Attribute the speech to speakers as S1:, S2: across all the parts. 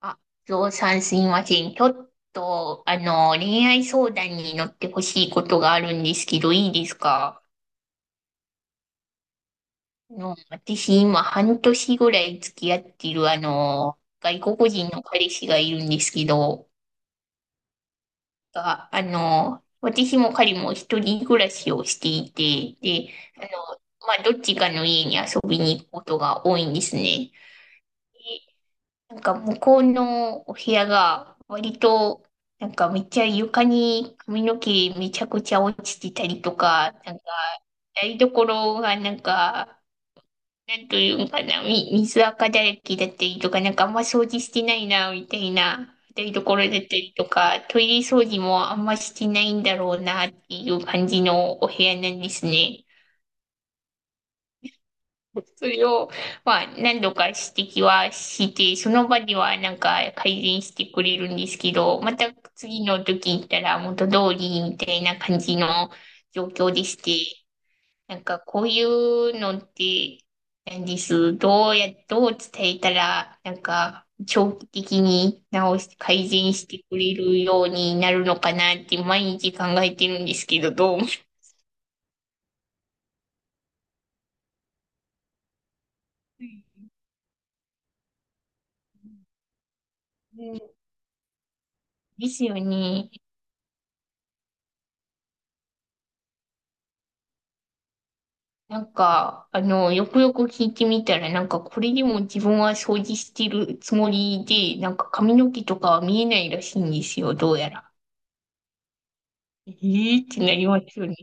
S1: あ、ゾウさんすいません。ちょっと、恋愛相談に乗ってほしいことがあるんですけど、いいですか？私今半年ぐらい付き合っている、外国人の彼氏がいるんですけど、が、私も彼も一人暮らしをしていて、で、あの、どっちかの家に遊びに行くことが多いんですね。でなんか向こうのお部屋が割となんかめっちゃ床に髪の毛めちゃくちゃ落ちてたりとか、なんか台所がなんか、なんというんかな、水垢だらけだったりとか、なんかあんま掃除してないな、みたいな台所だったりとか、トイレ掃除もあんましてないんだろうなっていう感じのお部屋なんですね。それを、何度か指摘はして、その場ではなんか改善してくれるんですけど、また次の時に行ったら元通りみたいな感じの状況でして、なんかこういうのって何です。どう伝えたら、なんか長期的に直して改善してくれるようになるのかなって毎日考えてるんですけど、どう思います？うん、ですよね。なんか、よくよく聞いてみたら、なんか、これでも自分は掃除してるつもりで、なんか髪の毛とかは見えないらしいんですよ、どうやら。えーってなりますよね。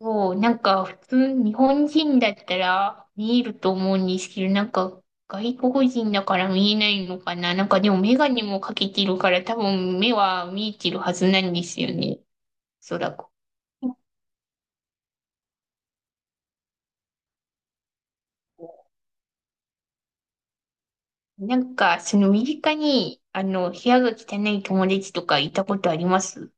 S1: そう、なんか、普通、日本人だったら見えると思うんですけど、なんか、外国人だから見えないのかな。なんか、でもメガネもかけてるから、多分目は見えてるはずなんですよね、おそらく。なんか、その身近に、部屋が汚い友達とかいたことあります？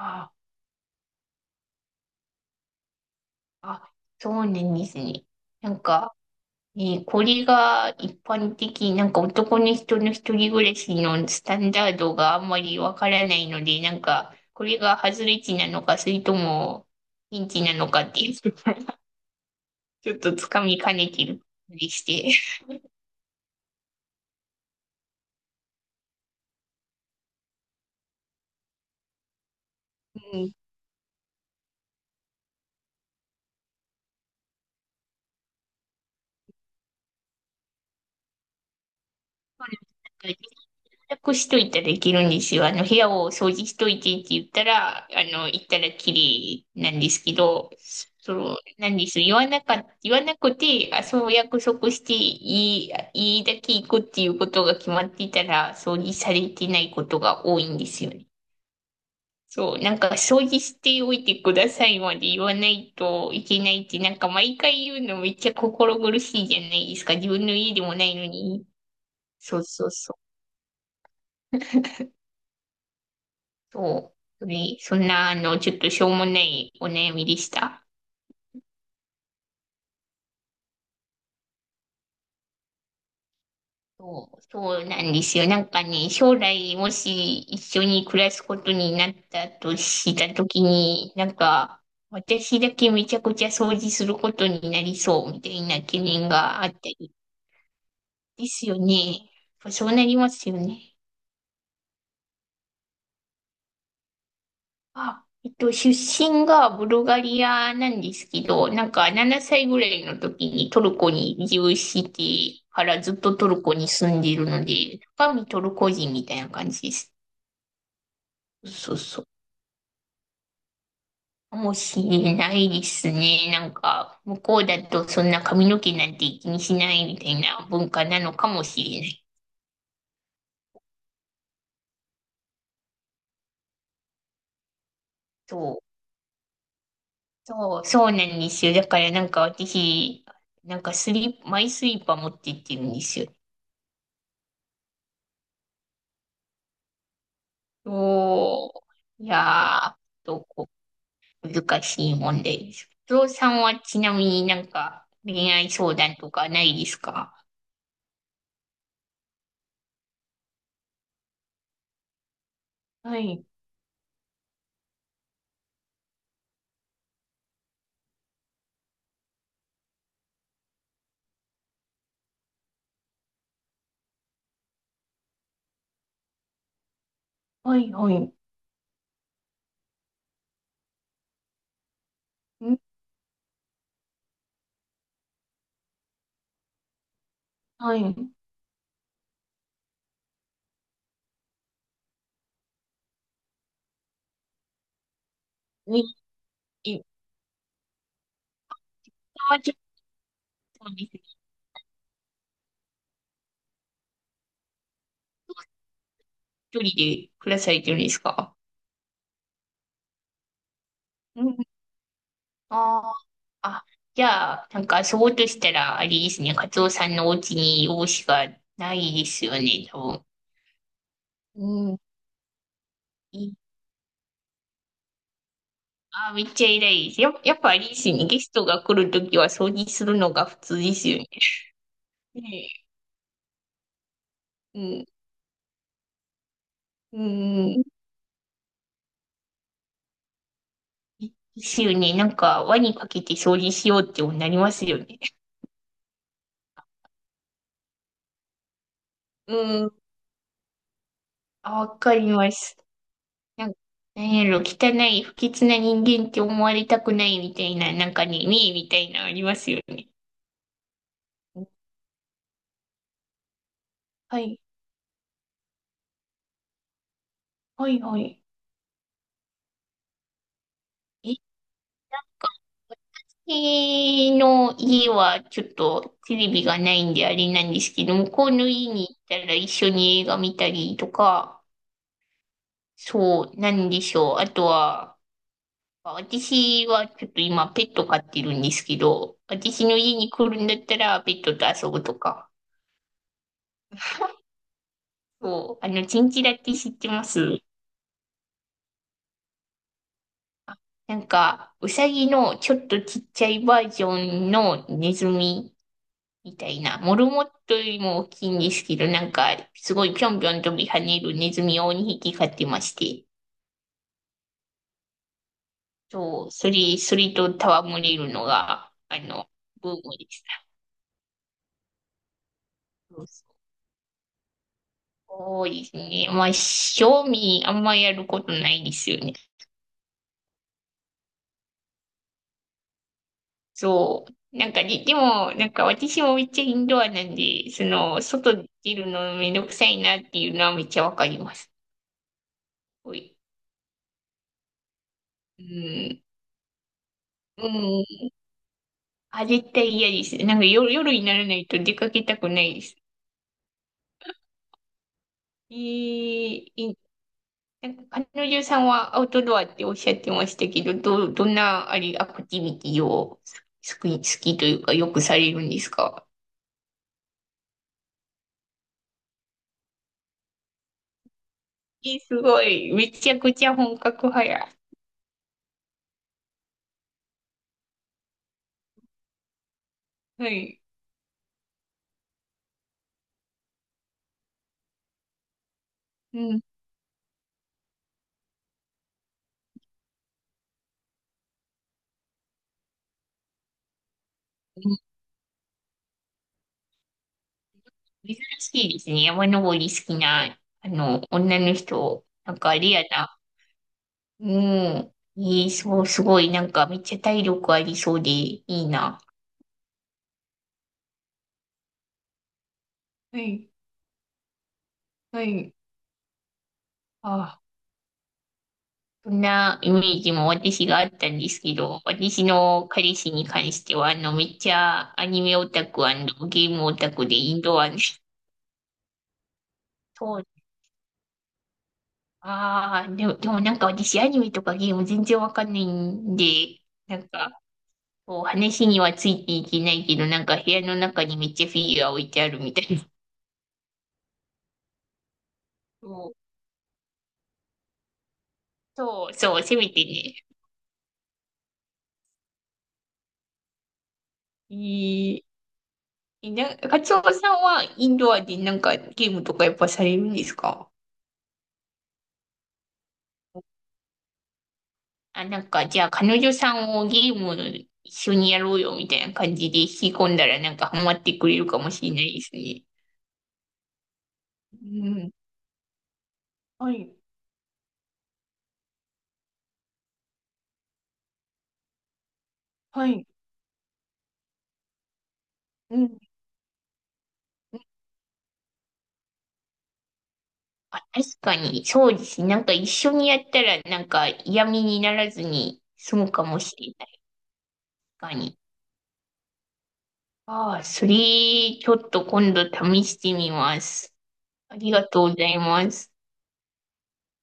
S1: ああ、そうなんですね。なんか、ね、これが一般的、なんか男の人の一人暮らしのスタンダードがあんまりわからないので、なんか、これが外れ値なのか、それとも、ピンチなのかっていう、ちょっとつかみかねてるふりして。うん。そうなんです。洗濯しといたらできるんですよ。部屋を掃除しといてって言ったら、行ったら綺麗なんですけど、そう、なんです。言わなくて、あ、そう約束していいだけ行くっていうことが決まってたら、掃除されてないことが多いんですよね。そう、なんか掃除しておいてくださいまで言わないといけないって、なんか毎回言うのめっちゃ心苦しいじゃないですか。自分の家でもないのに。そうそうそう。そう。でそんな、ちょっとしょうもないお悩みでした。そう、そうなんですよ。なんかね、将来もし一緒に暮らすことになったとしたときに、なんか、私だけめちゃくちゃ掃除することになりそうみたいな懸念があったりですよね。やっぱそうなりますよね。あ、出身がブルガリアなんですけど、なんか7歳ぐらいの時にトルコに移住してからずっとトルコに住んでいるので、中身トルコ人みたいな感じです。そうそう。かもしれないですね。なんか、向こうだとそんな髪の毛なんて気にしないみたいな文化なのかもしれない。そう、そう、そうなんですよ。だからなんか私、なんかスリーパー持って行ってるんですよ。おー、いやー、どこ、難しい問題です。不動さんはちなみになんか恋愛相談とかないですか？はい、はい、はい。んはい。に、え、今はちょっとですね、一人で暮らされてるんですか？うん。ああ、あ、じゃあ、なんかそうとしたら、あれですね、カツオさんのお家に容姿がないですよね、多分。うん。あー、めっちゃ偉いです。やっぱあれですよね。ゲストが来るときは掃除するのが普通ですよね。ねえ、うん、うん。ですよね。なんか、輪にかけて掃除しようってなりますよね。うん。あ、わかります。なんか、なんやろ、汚い、不潔な人間って思われたくないみたいな、なんかね、ねえみたいなのありますよね。はい、はい、はい。え、私の家はちょっとテレビがないんであれなんですけど、向こうの家に行ったら一緒に映画見たりとか、そう、なんでしょう。あとは、私はちょっと今ペット飼ってるんですけど、私の家に来るんだったらペットと遊ぶとか。そう、チンチラって知ってます？なんか、うさぎのちょっとちっちゃいバージョンのネズミみたいな。モルモットよりも大きいんですけど、なんか、すごいぴょんぴょん飛び跳ねるネズミを2匹飼ってまして、そう、それと戯れるのが、ブームでした。そうそうですね。賞味あんまやることないですよね。そう。なんかねでも、なんか私もめっちゃインドアなんで、外出るのめんどくさいなっていうのはめっちゃわかります。おいうん。うん。あ、絶対嫌です。なんか夜にならないと出かけたくないです。えー、いなんか彼女さんはアウトドアっておっしゃってましたけど、どんなアクティビティを好きというかよくされるんですか？えー、すごい。めちゃくちゃ本格派や。はい。うん。うん、珍しいですね。山登り好きな、女の人。なんかレアな。うん。えー、そう、すごい。なんかめっちゃ体力ありそうでいいな。はい。はい。あ、そんなイメージも私があったんですけど、私の彼氏に関しては、めっちゃアニメオタクゲームオタクでインドアに。そう。ああ、でもなんか私アニメとかゲーム全然わかんないんで、なんか、こう話にはついていけないけど、なんか部屋の中にめっちゃフィギュア置いてあるみたいな。そう、そう、そう、せめてね。えー、カツオさんはインドアでなんかゲームとかやっぱされるんですか？あ、なんか、じゃあ彼女さんをゲーム一緒にやろうよみたいな感じで引き込んだらなんかハマってくれるかもしれないですね。うん。はい。はい。うん。あ、確かに、そうですね。なんか一緒にやったらなんか嫌味にならずに済むかもしれない。確かに。ああ、ちょっと今度試してみます。ありがとうございます。